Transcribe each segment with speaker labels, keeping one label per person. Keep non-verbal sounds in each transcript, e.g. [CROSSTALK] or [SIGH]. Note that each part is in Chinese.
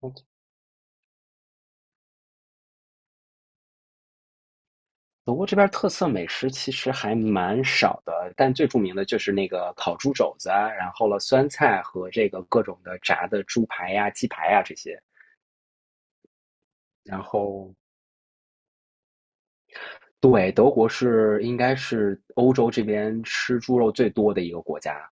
Speaker 1: 嗯，德国这边儿特色美食其实还蛮少的，但最著名的就是那个烤猪肘子啊，然后了酸菜和这个各种的炸的猪排呀、鸡排呀这些。然后，对，德国是应该是欧洲这边吃猪肉最多的一个国家。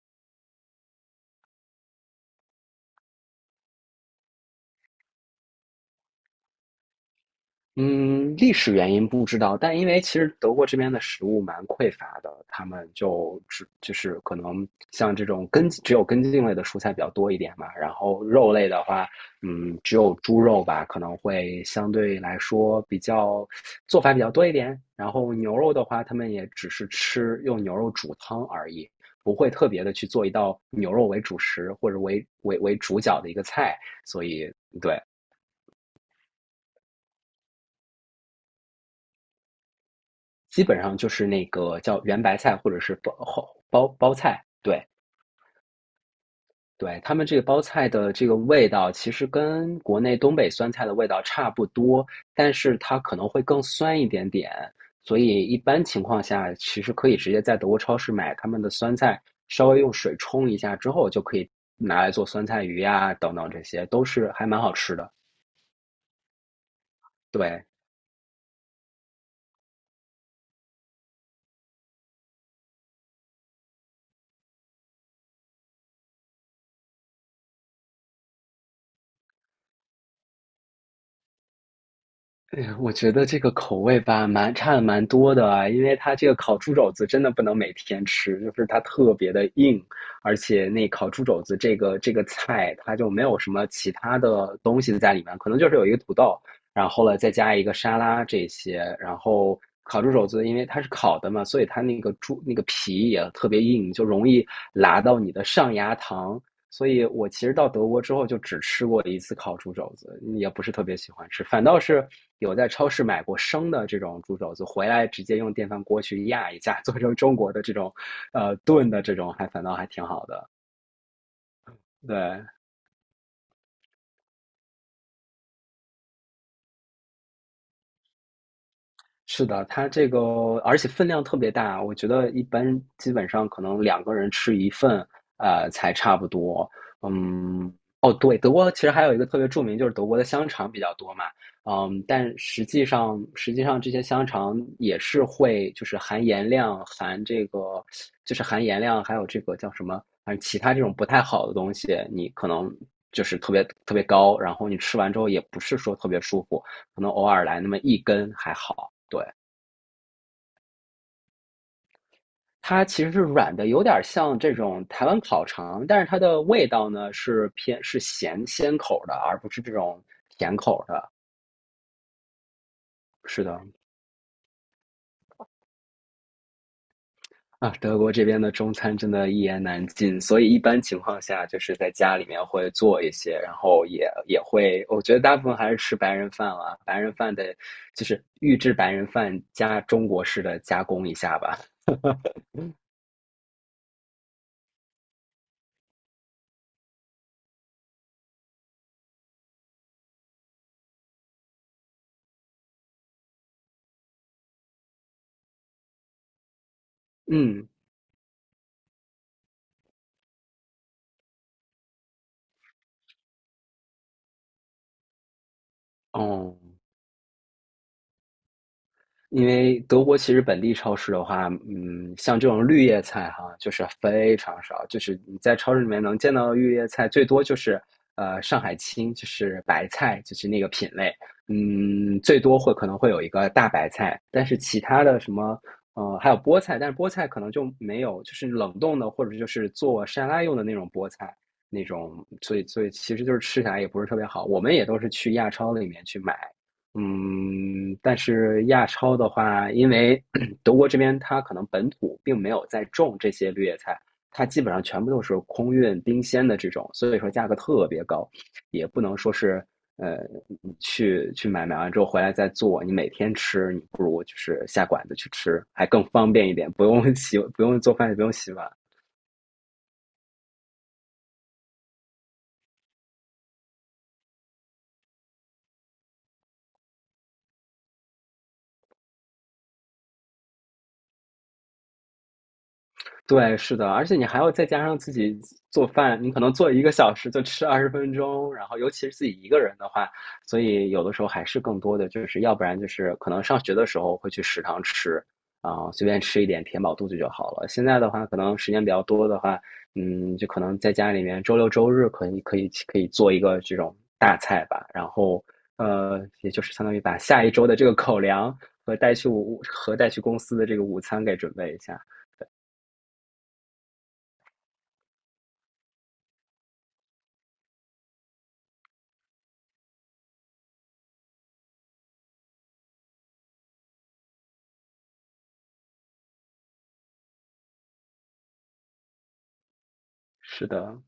Speaker 1: 嗯，历史原因不知道，但因为其实德国这边的食物蛮匮乏的，他们就是可能像这种只有根茎类的蔬菜比较多一点嘛，然后肉类的话，只有猪肉吧，可能会相对来说做法比较多一点，然后牛肉的话，他们也只是吃用牛肉煮汤而已，不会特别的去做一道牛肉为主食或者为主角的一个菜，所以对。基本上就是那个叫圆白菜或者是包菜，对，对，他们这个包菜的这个味道其实跟国内东北酸菜的味道差不多，但是它可能会更酸一点点，所以一般情况下其实可以直接在德国超市买他们的酸菜，稍微用水冲一下之后就可以拿来做酸菜鱼呀、等等，这些都是还蛮好吃的，对。哎呀，我觉得这个口味吧，蛮多的啊，因为它这个烤猪肘子真的不能每天吃，就是它特别的硬，而且那烤猪肘子这个菜，它就没有什么其他的东西在里面，可能就是有一个土豆，然后了再加一个沙拉这些，然后烤猪肘子因为它是烤的嘛，所以它那个猪那个皮也特别硬，就容易拉到你的上牙膛，所以我其实到德国之后就只吃过一次烤猪肘子，也不是特别喜欢吃，反倒是有在超市买过生的这种猪肘子，回来直接用电饭锅去压一下，做成中国的这种，炖的这种，反倒还挺好的。对，是的，它这个而且分量特别大，我觉得一般基本上可能两个人吃一份，才差不多。嗯，哦，对，德国其实还有一个特别著名，就是德国的香肠比较多嘛。但实际上这些香肠也是会就是含盐量、含这个就是含盐量，还有这个叫什么，反正其他这种不太好的东西，你可能就是特别特别高，然后你吃完之后也不是说特别舒服。可能偶尔来那么一根还好。对，它其实是软的，有点像这种台湾烤肠，但是它的味道呢是偏是咸鲜口的，而不是这种甜口的。是的，啊，德国这边的中餐真的一言难尽，所以一般情况下就是在家里面会做一些，然后也会，我觉得大部分还是吃白人饭啊，白人饭的，就是预制白人饭加中国式的加工一下吧。嗯，哦。因为德国其实本地超市的话，像这种绿叶菜哈，就是非常少，就是你在超市里面能见到的绿叶菜，最多就是上海青，就是白菜，就是那个品类，最多可能会有一个大白菜，但是其他的什么。还有菠菜，但是菠菜可能就没有，就是冷冻的或者就是做沙拉用的那种菠菜，那种，所以其实就是吃起来也不是特别好。我们也都是去亚超里面去买，但是亚超的话，因为 [CLEARS THROAT] 德国这边它可能本土并没有在种这些绿叶菜，它基本上全部都是空运冰鲜的这种，所以说价格特别高，也不能说是呃你去买完之后回来再做，你每天吃，你不如就是下馆子去吃，还更方便一点，不用洗，不用做饭，也不用洗碗。对，是的，而且你还要再加上自己做饭，你可能做一个小时就吃20分钟，然后尤其是自己一个人的话，所以有的时候还是更多的就是，要不然就是可能上学的时候会去食堂吃，啊、随便吃一点填饱肚子就好了。现在的话，可能时间比较多的话，就可能在家里面周六周日可以做一个这种大菜吧，然后也就是相当于把下一周的这个口粮和带去公司的这个午餐给准备一下。是的，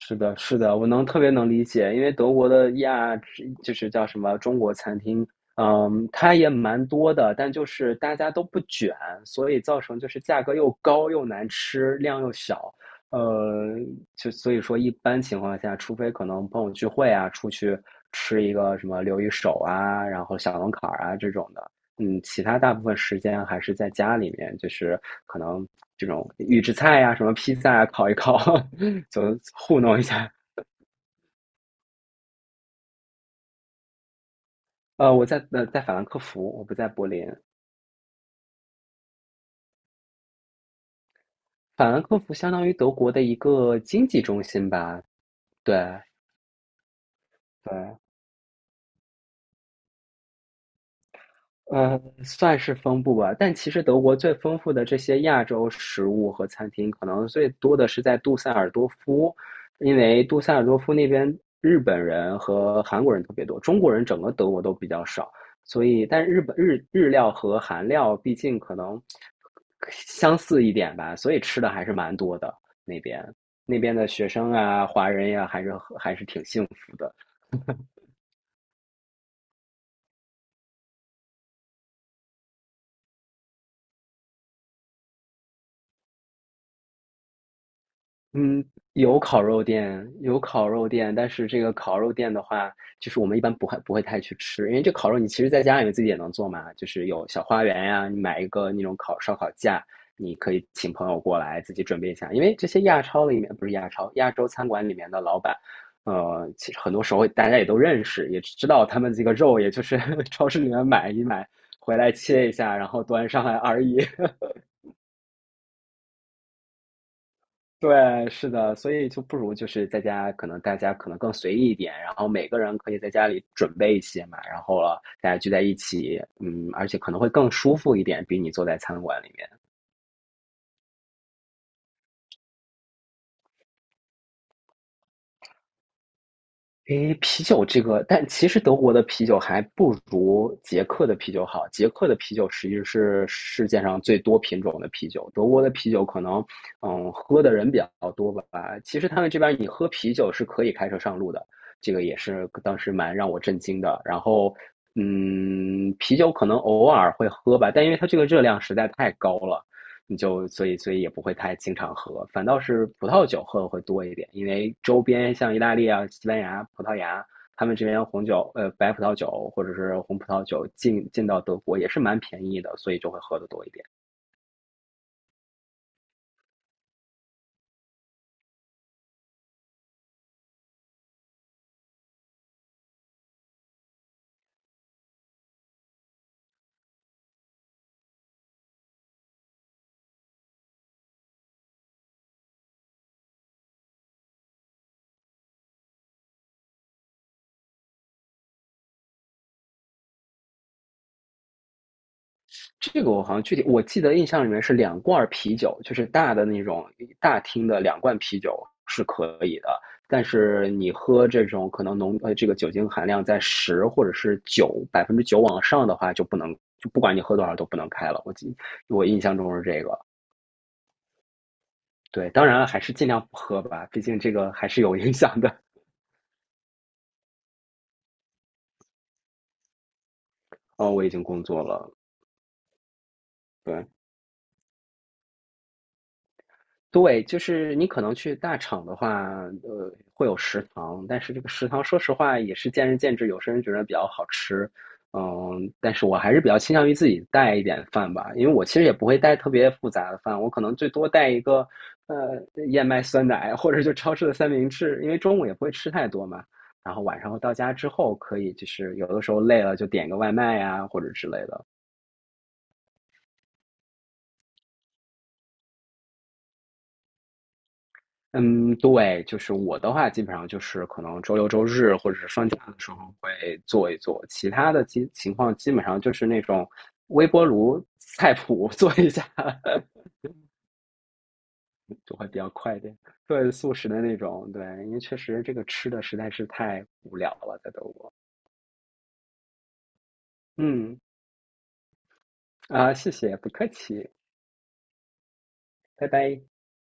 Speaker 1: 是的，是的，我能特别能理解，因为德国的就是叫什么中国餐厅，它也蛮多的，但就是大家都不卷，所以造成就是价格又高又难吃，量又小，呃，就所以说一般情况下，除非可能朋友聚会啊，出去吃一个什么留一手啊，然后小龙坎儿啊这种的，其他大部分时间还是在家里面，就是可能这种预制菜呀、什么披萨啊烤一烤，就糊弄一下。我在法兰克福，我不在柏林。法兰克福相当于德国的一个经济中心吧？对，对，算是丰富吧，但其实德国最丰富的这些亚洲食物和餐厅，可能最多的是在杜塞尔多夫，因为杜塞尔多夫那边日本人和韩国人特别多，中国人整个德国都比较少，所以但日本日日料和韩料毕竟可能相似一点吧，所以吃的还是蛮多的那边。那边的学生啊，华人呀、还是挺幸福的。嗯，有烤肉店，有烤肉店，但是这个烤肉店的话，就是我们一般不会太去吃，因为这烤肉你其实在家里面自己也能做嘛，就是有小花园呀、你买一个那种烤烧烤架，你可以请朋友过来自己准备一下，因为这些亚超里面，不是亚超，亚洲餐馆里面的老板，其实很多时候大家也都认识，也知道他们这个肉，也就是 [LAUGHS] 超市里面买一买，回来切一下，然后端上来而已。[LAUGHS] 对，是的，所以就不如就是在家，可能大家可能更随意一点，然后每个人可以在家里准备一些嘛，然后了大家聚在一起，而且可能会更舒服一点，比你坐在餐馆里面。诶，啤酒这个，但其实德国的啤酒还不如捷克的啤酒好。捷克的啤酒实际是世界上最多品种的啤酒，德国的啤酒可能，喝的人比较多吧。其实他们这边你喝啤酒是可以开车上路的，这个也是当时蛮让我震惊的。然后，啤酒可能偶尔会喝吧，但因为它这个热量实在太高了，你就所以也不会太经常喝，反倒是葡萄酒喝的会多一点，因为周边像意大利啊、西班牙、葡萄牙，他们这边白葡萄酒或者是红葡萄酒进到德国也是蛮便宜的，所以就会喝的多一点。这个我好像具体我记得印象里面是两罐啤酒，就是大的那种大厅的两罐啤酒是可以的，但是你喝这种可能这个酒精含量在十或者是九百分之九往上的话就不能，就不管你喝多少都不能开了。我印象中是这个，对，当然还是尽量不喝吧，毕竟这个还是有影响的。哦，我已经工作了，对。对，就是你可能去大厂的话，会有食堂，但是这个食堂说实话也是见仁见智，有些人觉得比较好吃，但是我还是比较倾向于自己带一点饭吧，因为我其实也不会带特别复杂的饭，我可能最多带一个呃燕麦酸奶或者就超市的三明治，因为中午也不会吃太多嘛，然后晚上到家之后可以就是有的时候累了就点个外卖呀、或者之类的，嗯，对，就是我的话，基本上就是可能周六周日或者是放假的时候会做一做，其他的基情况基本上就是那种微波炉菜谱 [LAUGHS] 做一下，[LAUGHS] 就会比较快一点。对，素食的那种，对，因为确实这个吃的实在是太无聊了，在德国。嗯，啊，谢谢，不客气，拜拜。